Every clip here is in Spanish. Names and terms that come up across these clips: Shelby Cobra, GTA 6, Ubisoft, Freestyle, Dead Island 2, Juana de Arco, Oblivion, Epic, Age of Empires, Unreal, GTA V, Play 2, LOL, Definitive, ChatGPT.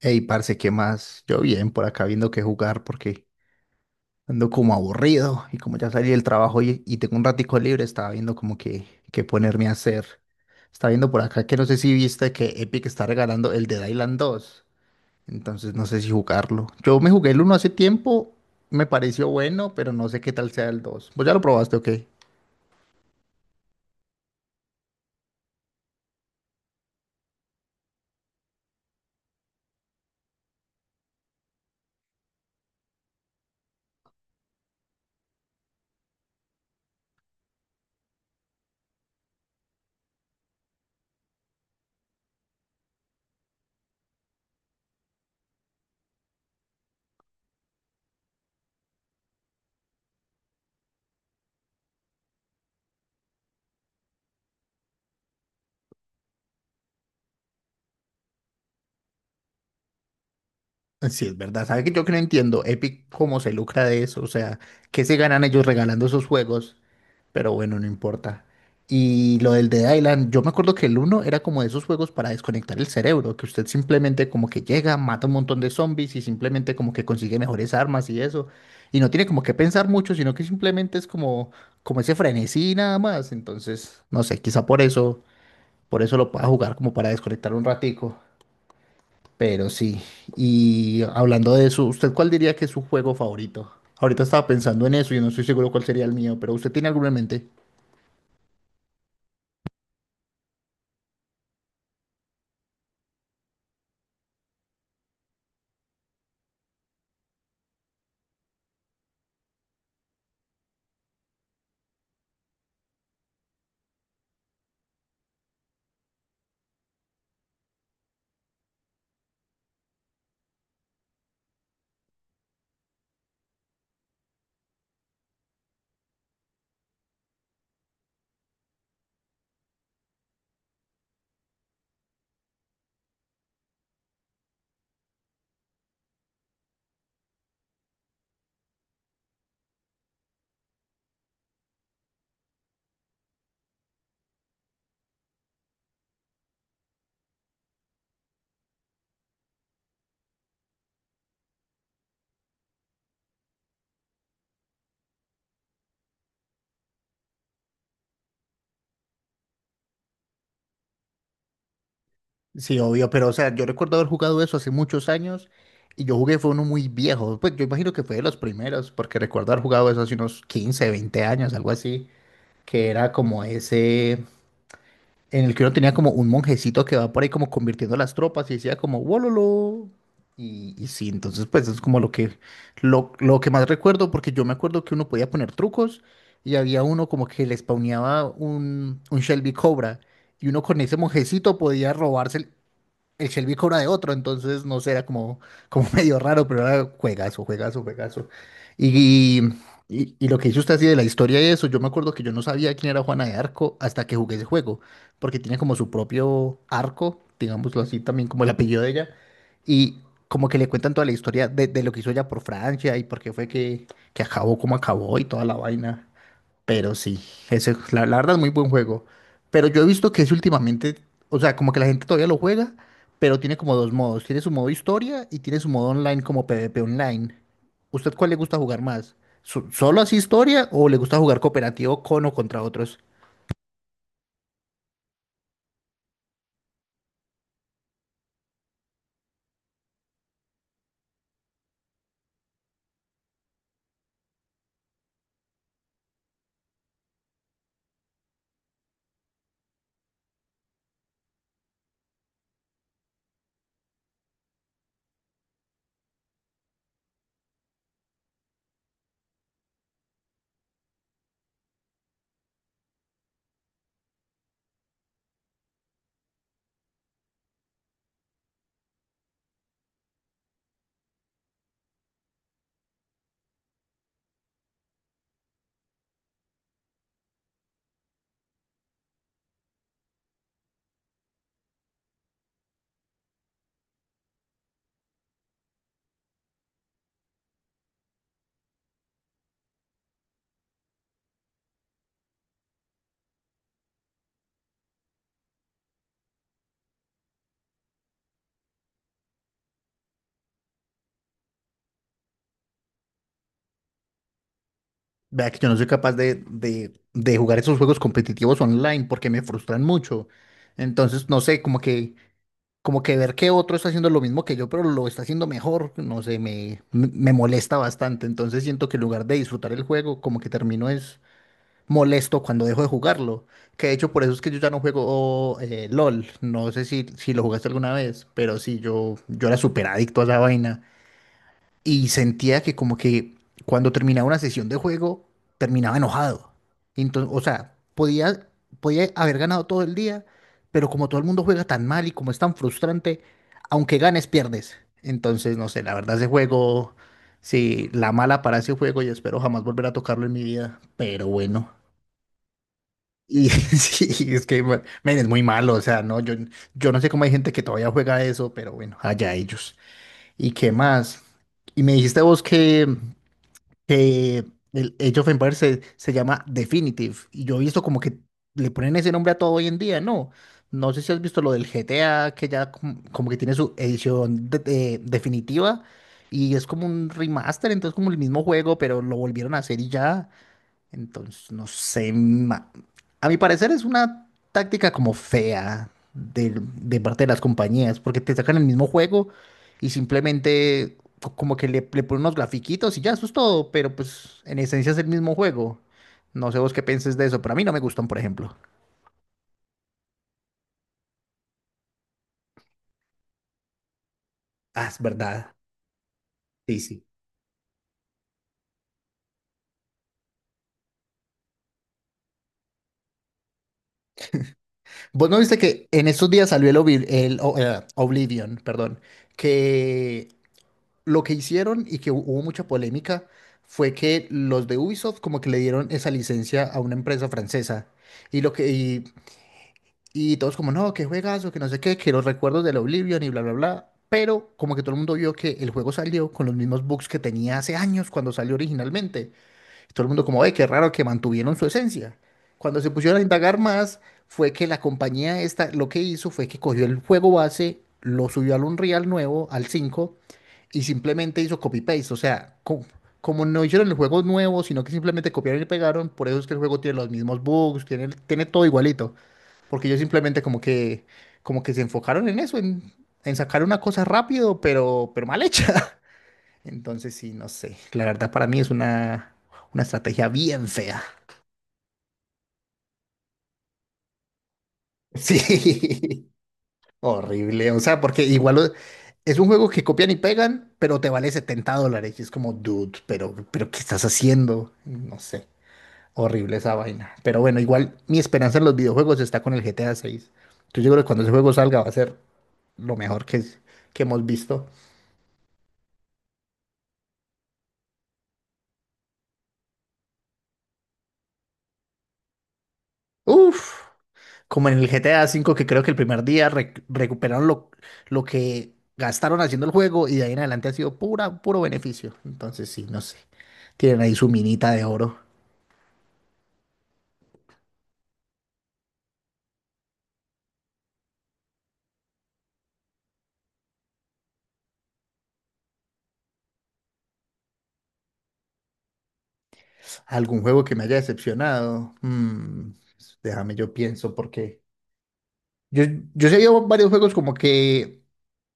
Ey, parce, ¿qué más? Yo bien, por acá viendo qué jugar porque ando como aburrido y como ya salí del trabajo y tengo un ratico libre, estaba viendo como que qué ponerme a hacer. Estaba viendo por acá que no sé si viste que Epic está regalando el Dead Island 2, entonces no sé si jugarlo. Yo me jugué el uno hace tiempo, me pareció bueno, pero no sé qué tal sea el 2. ¿Vos ya lo probaste o qué? Sí, es verdad. ¿Sabes que yo que no entiendo? Epic, ¿cómo se lucra de eso? O sea, ¿qué se ganan ellos regalando esos juegos? Pero bueno, no importa. Y lo del Dead Island, yo me acuerdo que el uno era como de esos juegos para desconectar el cerebro, que usted simplemente como que llega, mata un montón de zombies y simplemente como que consigue mejores armas y eso. Y no tiene como que pensar mucho, sino que simplemente es como ese frenesí nada más. Entonces, no sé, quizá por eso lo pueda jugar como para desconectar un ratico. Pero sí. Y hablando de eso, ¿usted cuál diría que es su juego favorito? Ahorita estaba pensando en eso y no estoy seguro cuál sería el mío, pero ¿usted tiene alguno en mente? Sí, obvio, pero o sea, yo recuerdo haber jugado eso hace muchos años y yo jugué fue uno muy viejo. Pues yo imagino que fue de los primeros, porque recuerdo haber jugado eso hace unos 15, 20 años, algo así, que era como ese, en el que uno tenía como un monjecito que va por ahí como convirtiendo las tropas y decía como wololo. Y sí, entonces pues es como lo que más recuerdo, porque yo me acuerdo que uno podía poner trucos y había uno como que le spawneaba un Shelby Cobra y uno con ese monjecito podía robarse el Shelby cobra de otro, entonces no sé, era como medio raro, pero era juegazo, juegazo, juegazo. Y, y lo que hizo usted así de la historia y eso, yo me acuerdo que yo no sabía quién era Juana de Arco hasta que jugué ese juego, porque tiene como su propio arco, digámoslo así, también como el apellido de ella, y como que le cuentan toda la historia de lo que hizo ella por Francia y por qué fue que acabó como acabó y toda la vaina. Pero sí, ese, la verdad es muy buen juego. Pero yo he visto que es últimamente, o sea, como que la gente todavía lo juega, pero tiene como dos modos. Tiene su modo historia y tiene su modo online como PvP online. ¿Usted cuál le gusta jugar más? ¿Solo así historia o le gusta jugar cooperativo con o contra otros? Vea que yo no soy capaz de jugar esos juegos competitivos online porque me frustran mucho. Entonces, no sé, como que ver que otro está haciendo lo mismo que yo, pero lo está haciendo mejor, no sé, me molesta bastante. Entonces siento que en lugar de disfrutar el juego, como que termino es molesto cuando dejo de jugarlo. Que de hecho por eso es que yo ya no juego LOL. No sé si lo jugaste alguna vez, pero sí, yo era súper adicto a esa vaina y sentía que como que cuando terminaba una sesión de juego, terminaba enojado. Entonces, o sea, podía haber ganado todo el día, pero como todo el mundo juega tan mal y como es tan frustrante, aunque ganes, pierdes. Entonces, no sé, la verdad ese juego, sí, la mala para ese juego y espero jamás volver a tocarlo en mi vida, pero bueno. Y sí, es que, bueno, men, es muy malo, o sea, no, yo no sé cómo hay gente que todavía juega eso, pero bueno, allá ellos. ¿Y qué más? Y me dijiste vos que el Age of Empires se llama Definitive. Y yo he visto como que le ponen ese nombre a todo hoy en día, ¿no? No sé si has visto lo del GTA, que ya como, que tiene su edición definitiva y es como un remaster, entonces como el mismo juego, pero lo volvieron a hacer y ya. Entonces, no sé, a mi parecer es una táctica como fea de, parte de las compañías, porque te sacan el mismo juego y simplemente como que le ponen unos grafiquitos y ya, eso es todo, pero pues en esencia es el mismo juego. No sé vos qué pienses de eso, pero a mí no me gustan, por ejemplo. Ah, es verdad. Sí, sí. Vos no viste que en estos días salió el, Obliv- el O- Oblivion, perdón, que lo que hicieron y que hubo mucha polémica fue que los de Ubisoft como que le dieron esa licencia a una empresa francesa. Y lo que y, y todos como, no, que juegazo, que no sé qué, que los recuerdos del Oblivion y bla, bla, bla. Pero como que todo el mundo vio que el juego salió con los mismos bugs que tenía hace años cuando salió originalmente. Todo el mundo como, ve, qué raro que mantuvieron su esencia. Cuando se pusieron a indagar más, fue que la compañía esta lo que hizo fue que cogió el juego base, lo subió al Unreal nuevo, al 5 y simplemente hizo copy-paste. O sea, como no hicieron el juego nuevo, sino que simplemente copiaron y pegaron, por eso es que el juego tiene los mismos bugs, tiene todo igualito. Porque ellos simplemente como que se enfocaron en eso, en sacar una cosa rápido, pero mal hecha. Entonces, sí, no sé. La verdad, para mí es una estrategia bien fea. Sí, horrible. O sea, porque igual es un juego que copian y pegan, pero te vale $70. Y es como, dude, pero ¿qué estás haciendo? No sé. Horrible esa vaina. Pero bueno, igual mi esperanza en los videojuegos está con el GTA 6. Entonces, yo creo que cuando ese juego salga va a ser lo mejor que hemos visto. Uf. Como en el GTA V, que creo que el primer día recuperaron lo que gastaron haciendo el juego y de ahí en adelante ha sido pura, puro beneficio. Entonces, sí, no sé. Tienen ahí su minita de oro. ¿Algún juego que me haya decepcionado? Déjame, yo pienso, porque yo, yo, sé, yo varios juegos como que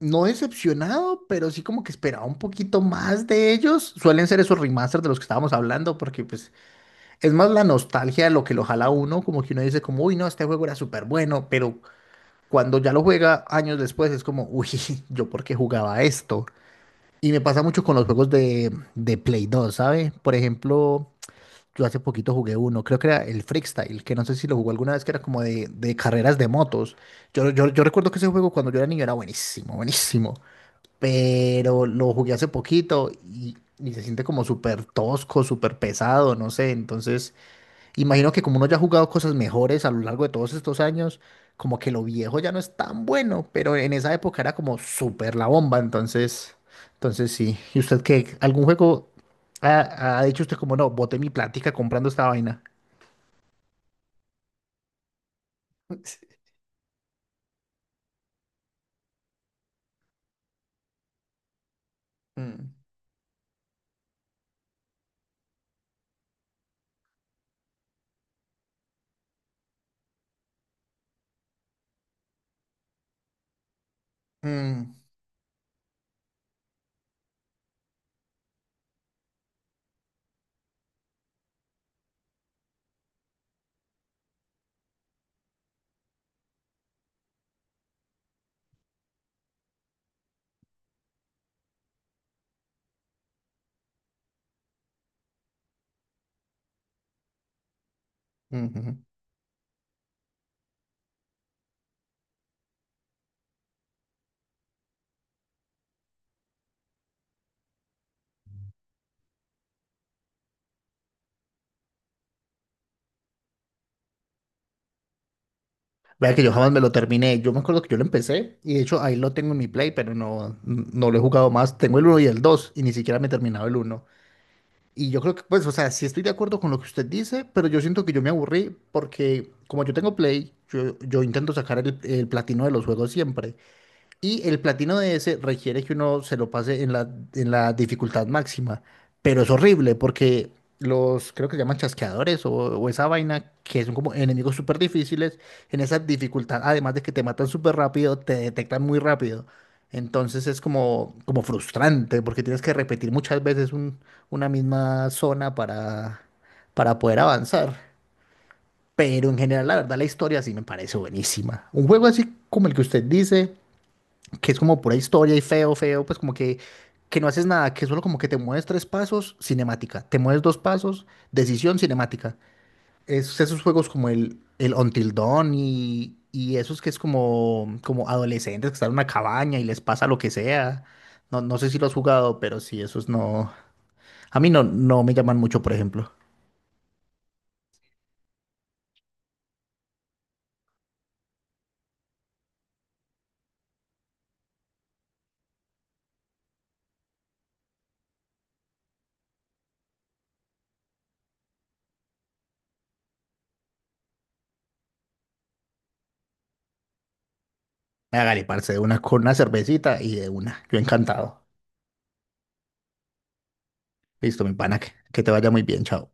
no decepcionado, pero sí como que esperaba un poquito más de ellos. Suelen ser esos remasters de los que estábamos hablando, porque pues es más la nostalgia de lo que lo jala a uno, como que uno dice como, uy, no, este juego era súper bueno, pero cuando ya lo juega años después es como, uy, yo por qué jugaba esto. Y me pasa mucho con los juegos de Play 2, ¿sabe? Por ejemplo, yo hace poquito jugué uno, creo que era el Freestyle, que no sé si lo jugó alguna vez, que era como de carreras de motos. Yo recuerdo que ese juego cuando yo era niño era buenísimo, buenísimo. Pero lo jugué hace poquito y se siente como súper tosco, súper pesado, no sé. Entonces, imagino que como uno ya ha jugado cosas mejores a lo largo de todos estos años, como que lo viejo ya no es tan bueno, pero en esa época era como súper la bomba, entonces sí. ¿Y usted qué? ¿Algún juego ha dicho usted como no, boté mi plática comprando esta vaina? Sí. Mm. Mm, ujú. Vea que yo jamás me lo terminé. Yo me acuerdo que yo lo empecé y de hecho ahí lo tengo en mi Play, pero no, no lo he jugado más. Tengo el uno y el 2 y ni siquiera me he terminado el uno. Y yo creo que, pues, o sea, sí estoy de acuerdo con lo que usted dice, pero yo siento que yo me aburrí porque como yo tengo Play, yo intento sacar el platino de los juegos siempre. Y el platino de ese requiere que uno se lo pase en la dificultad máxima. Pero es horrible porque los, creo que se llaman chasqueadores o esa vaina, que son como enemigos súper difíciles, en esa dificultad, además de que te matan súper rápido, te detectan muy rápido. Entonces es como frustrante porque tienes que repetir muchas veces una misma zona para poder avanzar. Pero en general, la verdad, la historia sí me parece buenísima. Un juego así como el que usted dice que es como pura historia y feo, feo, pues que no haces nada, que solo como que te mueves tres pasos, cinemática. Te mueves dos pasos, decisión, cinemática. Esos juegos como el Until Dawn y esos que es como adolescentes que están en una cabaña y les pasa lo que sea. No, no sé si lo has jugado, pero sí, esos no. A mí no, no me llaman mucho, por ejemplo. Hágale, parce, de una con una cervecita y de una. Yo encantado. Listo, mi pana, que te vaya muy bien, chao.